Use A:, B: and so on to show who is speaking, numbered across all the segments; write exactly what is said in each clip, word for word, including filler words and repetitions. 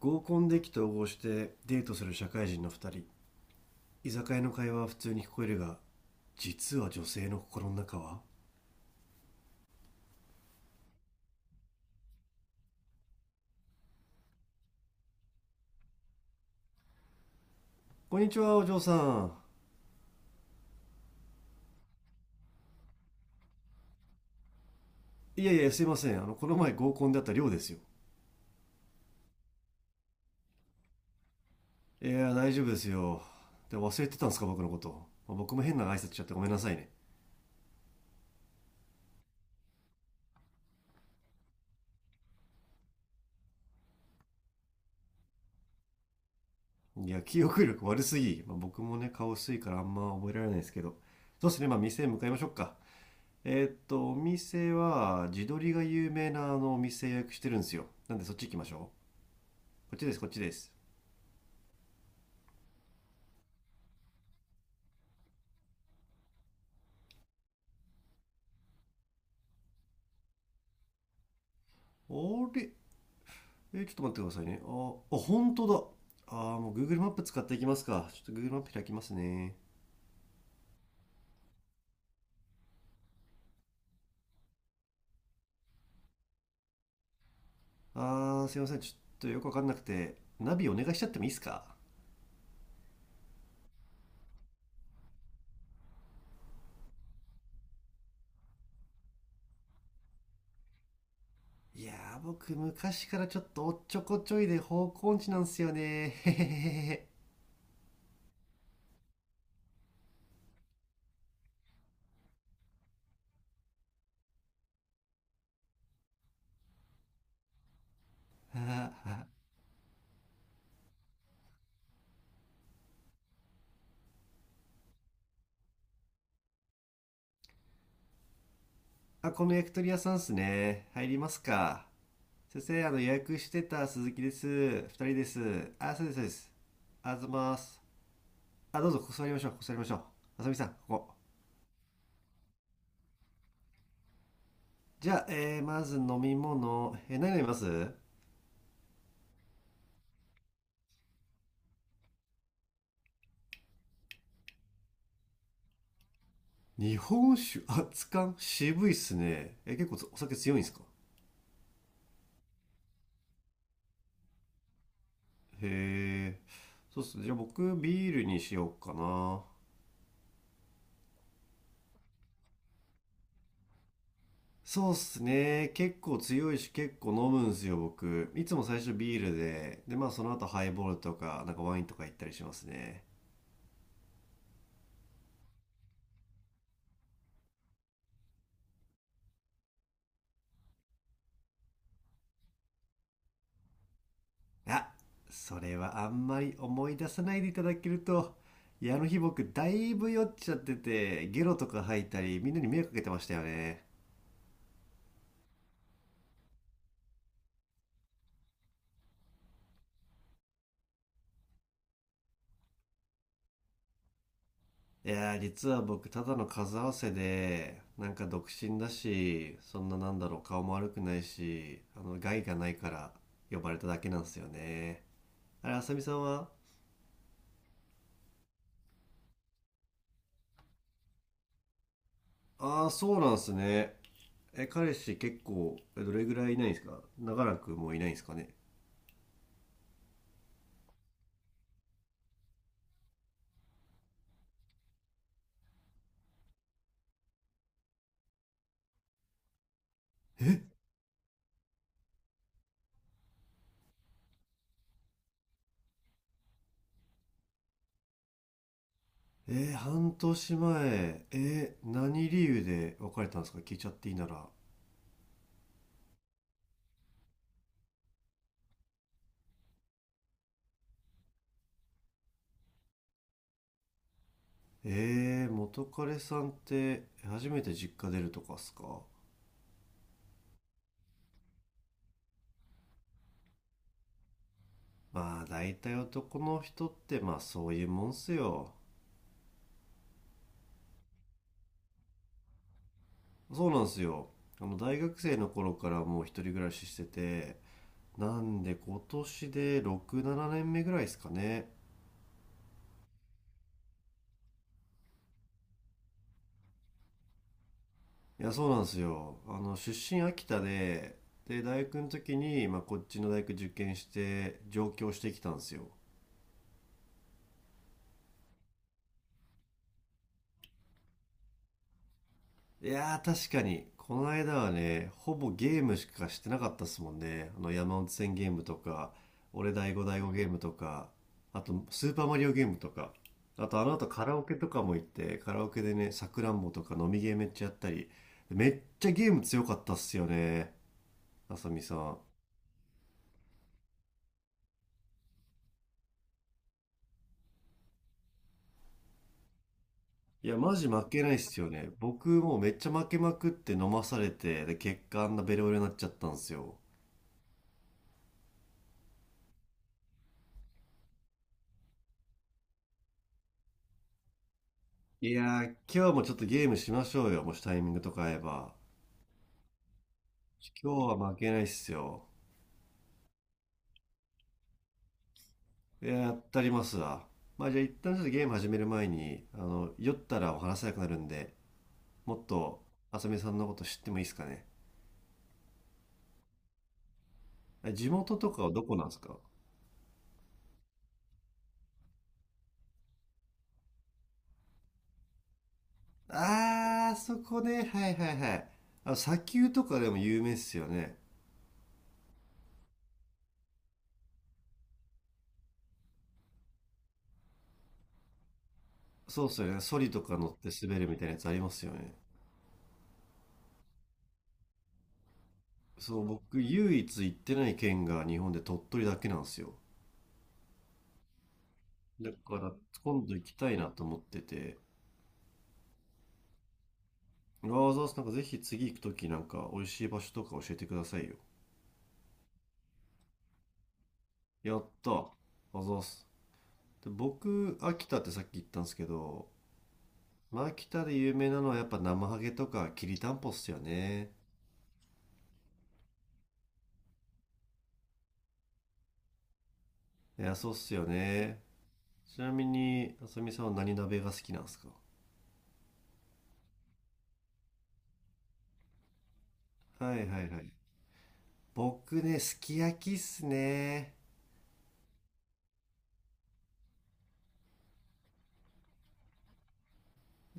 A: 合コンで意気投合してデートする社会人のふたり。居酒屋の会話は普通に聞こえるが、実は女性の心の中は。こんにちは、お嬢さん。いやいや、すいません。あのこの前合コンで会った寮ですよ。いや、大丈夫ですよ。で、忘れてたんですか、僕のこと。まあ、僕も変な挨拶しちゃってごめんなさいね。いや、記憶力悪すぎ。まあ、僕もね、顔薄いからあんま覚えられないですけど。そうですね。まあ、店へ向かいましょうか。えーっとお店は地鶏が有名なあのお店予約してるんですよ。なんで、そっち行きましょう。こっちです、こっちです。あれ？え、ちょっと待ってくださいね。ああ、本当だ。あーもう Google マップ使っていきますか。ちょっと Google マップ開きますね。あーすいません。ちょっとよくわかんなくて、ナビお願いしちゃってもいいですか？いやー、僕昔からちょっとおっちょこちょいで方向音痴なんすよね。へへへへ。あ、この焼き鳥屋さんっすね。入りますか？先生、あの予約してた鈴木です。ふたりです。あ、そうですそうです。あざます。あ、どうぞ。ここ座りましょう、ここ座りましょう。あさみさん、ここ。じゃあ、えーまず飲み物、えー何飲みます？日本酒、熱燗、渋いっすね。えー結構お酒強いんですか？へえ、そうっすね。じゃあ、僕ビールにしようかな。そうっすね。結構強いし、結構飲むんすよ、僕。いつも最初ビールで、で、まあ、その後ハイボールとか、なんかワインとか行ったりしますね。あ、それはあんまり思い出さないでいただけると、いや、あの日僕、だいぶ酔っちゃってて、ゲロとか吐いたり、みんなに迷惑かけてましたよね。いやー、実は僕、ただの数合わせで、なんか独身だし、そんななんだろう、顔も悪くないし、あの、害がないから呼ばれただけなんですよね。あれ、あさみさんは？ああー、そうなんすね。え、彼氏結構、えどれぐらいいないんですか？長らくもういないんですかね？えー、半年前、えー、何理由で別れたんですか？聞いちゃっていいなら。えー、元彼さんって初めて実家出るとかっすか？まあ、大体男の人って、まあ、そういうもんっすよ。そうなんすよ。あの大学生の頃からもう一人暮らししてて、なんで今年でろく、ななねんめぐらいですかね。いや、そうなんすよ。あの出身秋田で、で大学の時に、まあ、こっちの大学受験して上京してきたんですよ。いやー、確かにこの間はね、ほぼゲームしかしてなかったっすもんね。あの山手線ゲームとか、俺第5第5ゲームとか、あとスーパーマリオゲームとか、あと、あの後カラオケとかも行って、カラオケでね、さくらんぼとか飲みゲーめっちゃやったり、めっちゃゲーム強かったっすよね、あさみさん。いや、マジ負けないっすよね。僕もうめっちゃ負けまくって飲まされて、で、結果あんなベロベロになっちゃったんすよ。いやー、今日もちょっとゲームしましょうよ、もしタイミングとか合えば。今日は負けないっすよ。いや、やったりますわ。まあ、じゃあ、一旦ちょっとゲーム始める前に、あの、酔ったらお話せなくなるんで、もっと、あさみさんのこと知ってもいいですかね。あ、地元とかはどこなんですか？あー、そこね。はいはいはい。あの、砂丘とかでも有名っすよね。そうっすよね。ソリとか乗って滑るみたいなやつありますよね。そう、僕、唯一行ってない県が日本で鳥取だけなんですよ。だから、今度行きたいなと思ってて、わざわざ、なんかぜひ、次行くときなんか美味しい場所とか教えてくださいよ。やった、わざわざで僕、秋田ってさっき言ったんですけど、まあ、秋田で有名なのはやっぱ生ハゲとかきりたんぽっすよね。いや、そうっすよね。ちなみに、あさみさんは何鍋が好きなんですか？はいはいはい。僕ね、すき焼きっすね。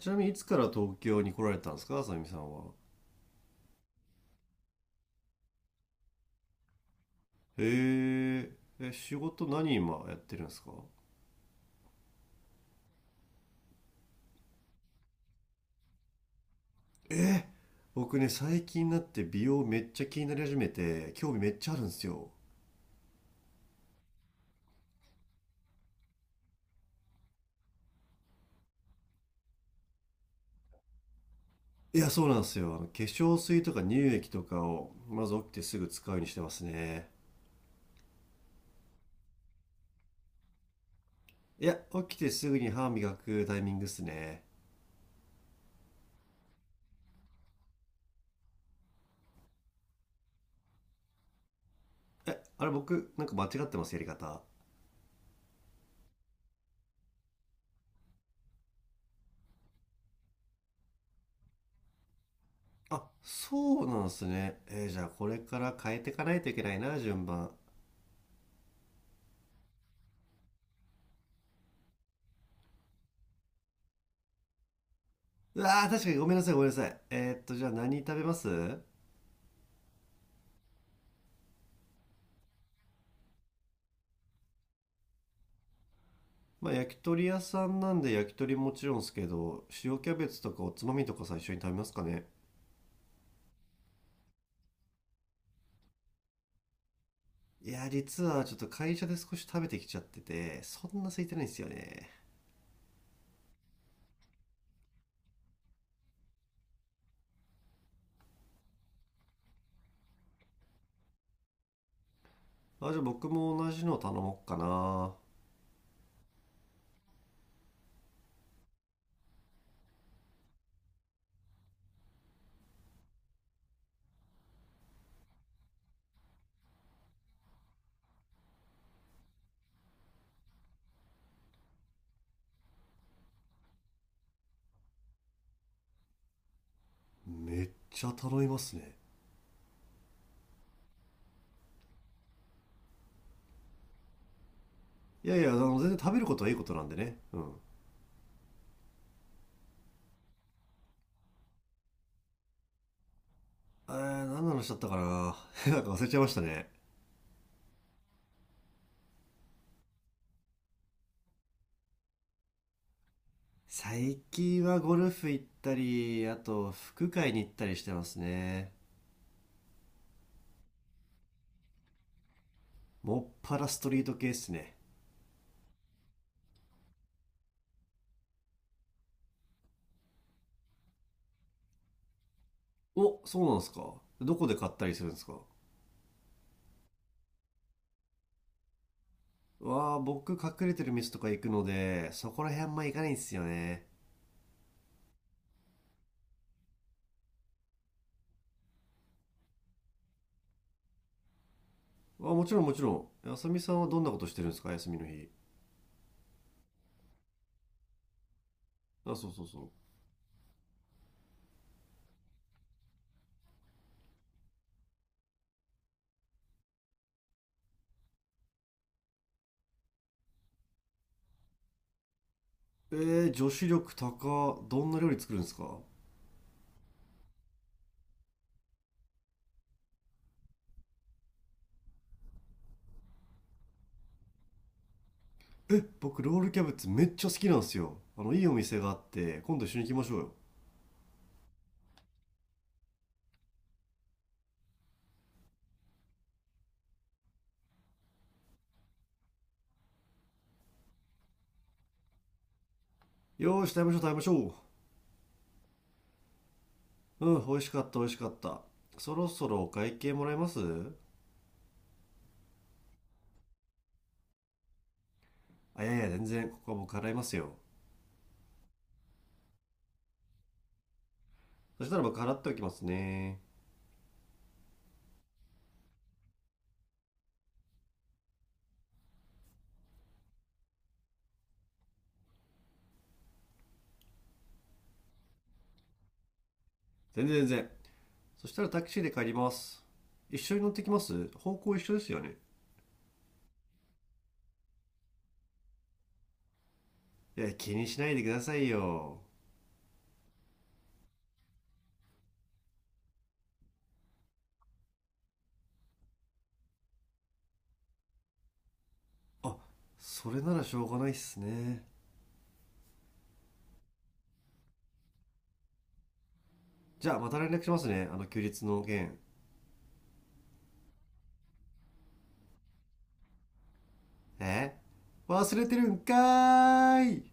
A: ちなみに、いつから東京に来られたんですか、あさみさんは。へえ。え、仕事何今やってるんですか？え僕ね、最近になって美容めっちゃ気になり始めて、興味めっちゃあるんですよ。いや、そうなんですよ。あの化粧水とか乳液とかをまず起きてすぐ使うようにしてますね。いや、起きてすぐに歯磨くタイミングっすね。えあれ、僕なんか間違ってますやり方？あ、そうなんすね。えーじゃあ、これから変えていかないといけないな、順番。うわー、確かに。ごめんなさい、ごめんなさい。えーっとじゃあ、何食べます？まあ、焼き鳥屋さんなんで焼き鳥もちろんですけど、塩キャベツとかおつまみとか最初に食べますかね。いや、実はちょっと会社で少し食べてきちゃってて、そんな空いてないんですよね。あ、じゃあ僕も同じの頼もうかな。めっちゃ頼みますね。いやいや、あの、全然食べることはいいことなんでね。うん。えー、何の話だったかな。 なんか忘れちゃいましたね。最近はゴルフ行ったり、あと、服会に行ったりしてますね。もっぱらストリート系っすね。お、そうなんですか。どこで買ったりするんですか？わあ、僕隠れてる店とか行くので、そこら辺あんま行かないんですよね。あ、もちろんもちろん。あさみさんはどんなことしてるんですか、休みの日。あ、そうそうそう。えー、女子力高。どんな料理作るんですか？え、僕ロールキャベツめっちゃ好きなんですよ。あの、いいお店があって、今度一緒に行きましょうよ。よーし、食べましょう食べましょう。うん、美味しかった美味しかった。そろそろお会計もらえます？あ、いやいや、全然、ここは僕払いますよ。そしたら僕払っておきますね。全然全然。そしたらタクシーで帰ります。一緒に乗ってきます？方向一緒ですよね。いや、気にしないでくださいよ。あ、それならしょうがないっすね。じゃあ、また連絡しますね。あの、休日の件。え、忘れてるんかーい。